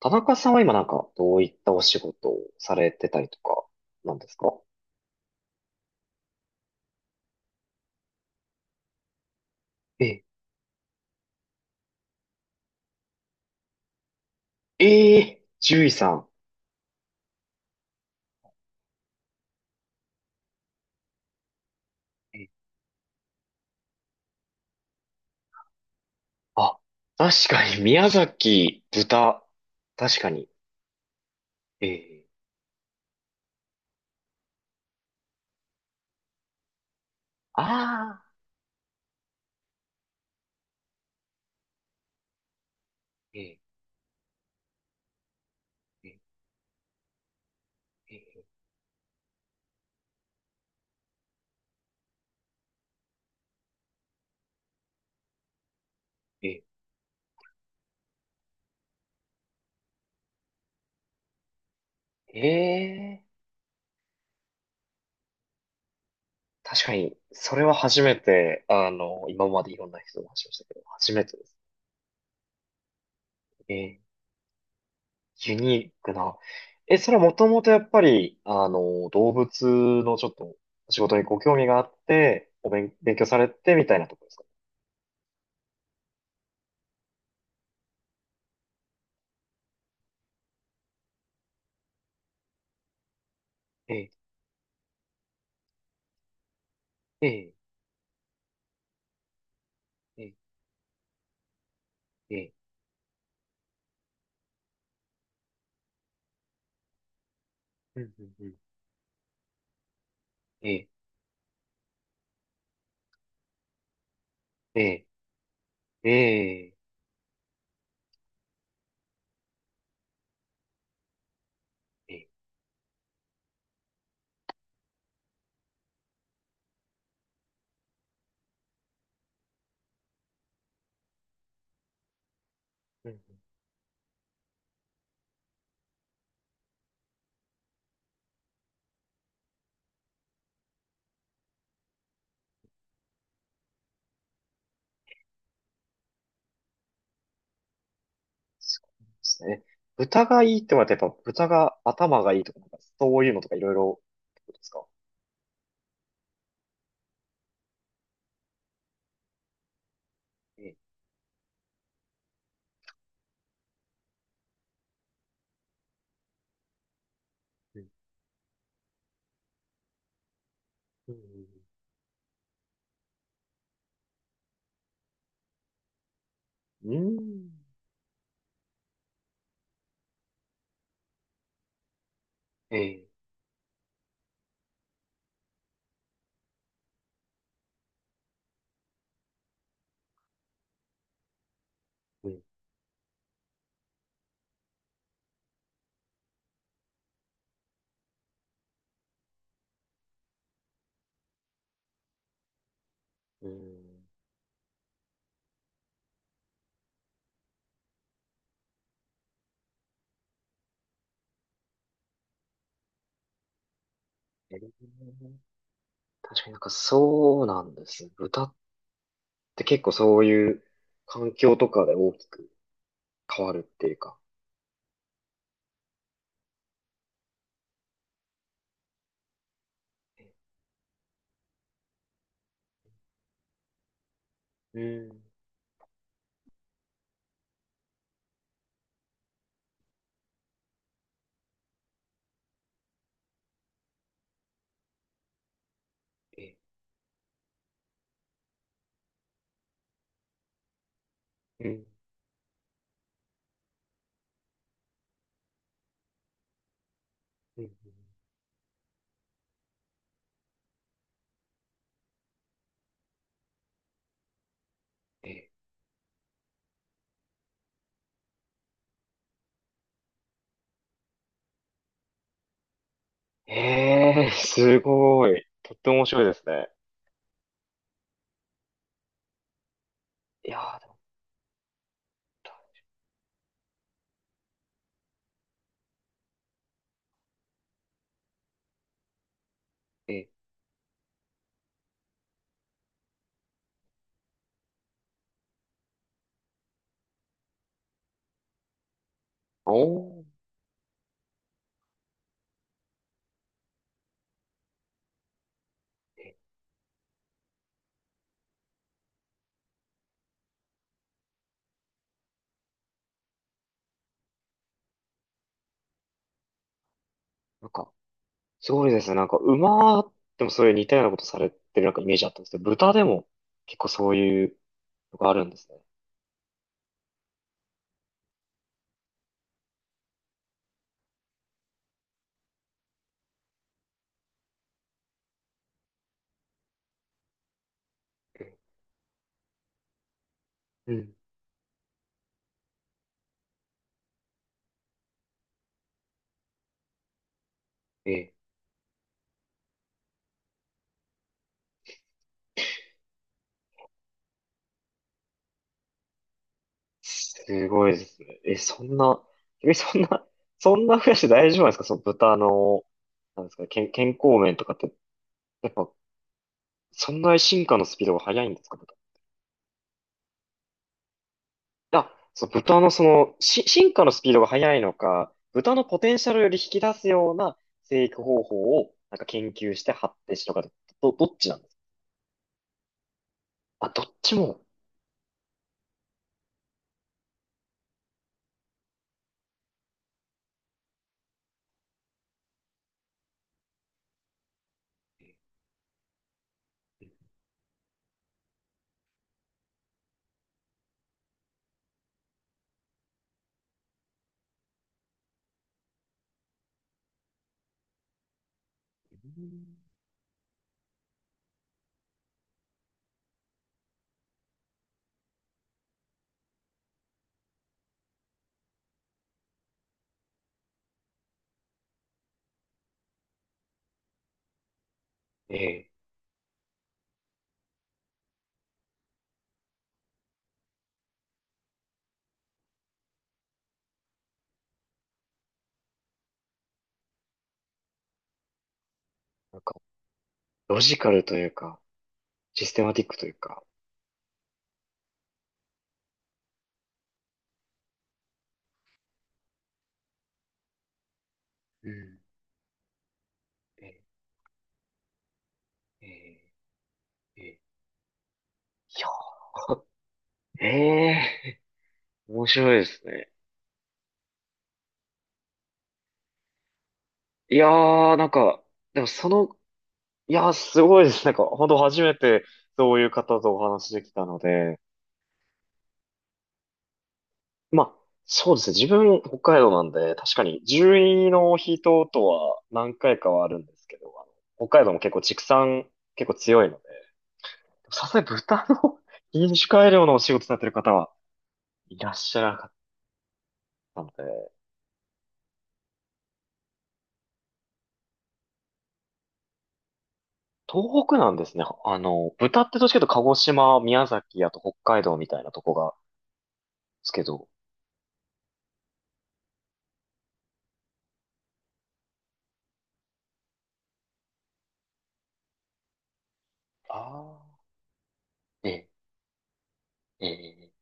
田中さんは今、なんかどういったお仕事をされてたりとかなんですか？ええ、ええ、獣医さん。え、あ、確かに宮崎豚。確かに。ええ、ああー、ええ、ええ、ええ、ええ、確かに、それは初めて、今までいろんな人の話をしたけど、初めてです。ええ、ユニークな。え、それはもともとやっぱり、動物のちょっと仕事にご興味があって、勉強されてみたいなところですか？ええ、ええ、ええ、ええ、うんうんうん、ええ、ええ、ええ、ええ、うんうん、そうですね。豚がいいってのはやっぱ豚が頭がいいとか、なんかそういうのとかいろいろってことですか？ええ、うん、うん、うん、うん、ええ、うん、うん、ええ、確かになんかそうなんですね。豚って結構そういう環境とかで大きく変わるっていうか。うん。え、うん。うん。え、すごい。とっても面白いですね。いやー、でも、え、おー、え、なんか、すごいですね。なんか、馬でもそういう似たようなことされてるなんかイメージあったんですけど、豚でも結構そういうのがあるんですね。うん。うん、え、すごいですね。え、そんな増やして大丈夫なんですかその豚の、なんですか、健康面とかって、やっぱ、そんな進化のスピードが速いんですか豚。あ、そう、豚のその、進化のスピードが速いのか、豚のポテンシャルより引き出すような生育方法を、なんか研究して発展しとかで、どっちなんですか？あ、どっちも、うん、ええ、なんか、ロジカルというか、システマティックというか、うん、ええ、ええ、ええ、いや、ええー、面白いですね。いやー、なんか、でもその、いやー、すごいです。なんか、本当初めてそういう方とお話できたので、まあ、そうですね。自分、北海道なんで、確かに、獣医の人とは何回かはあるんですけど、あの北海道も結構畜産、結構強いので、さすがに豚の 品種改良のお仕事されてる方はいらっしゃらなかったので、東北なんですね。豚ってどっちかというと鹿児島、宮崎、あと北海道みたいなとこがすけど、ああ、ええ、ええ、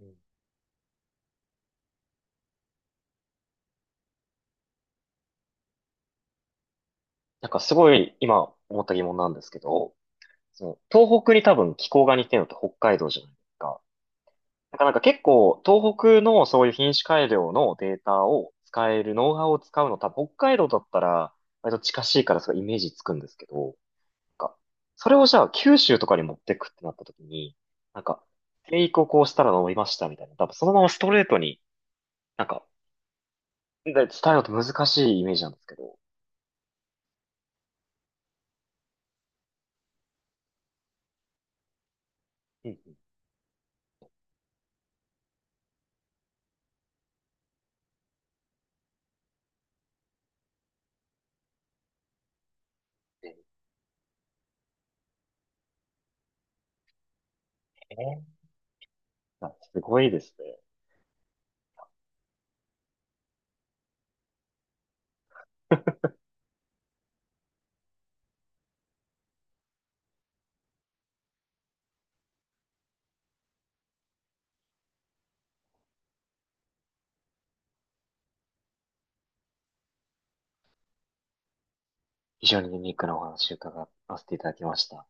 うん。なんかすごい今思った疑問なんですけど、その東北に多分気候が似てるのって北海道じゃないですか。なんか結構東北のそういう品種改良のデータを使える、ノウハウを使うの多分北海道だったら割と近しいからそのイメージつくんですけど、なんかそれをじゃあ九州とかに持ってくってなった時に、なんか生育をこうしたら伸びましたみたいな、多分そのままストレートになんかで伝えるのって難しいイメージなんですけど、うん、ね。あ、すごいですね。非常にユニークなお話を伺わせていただきました。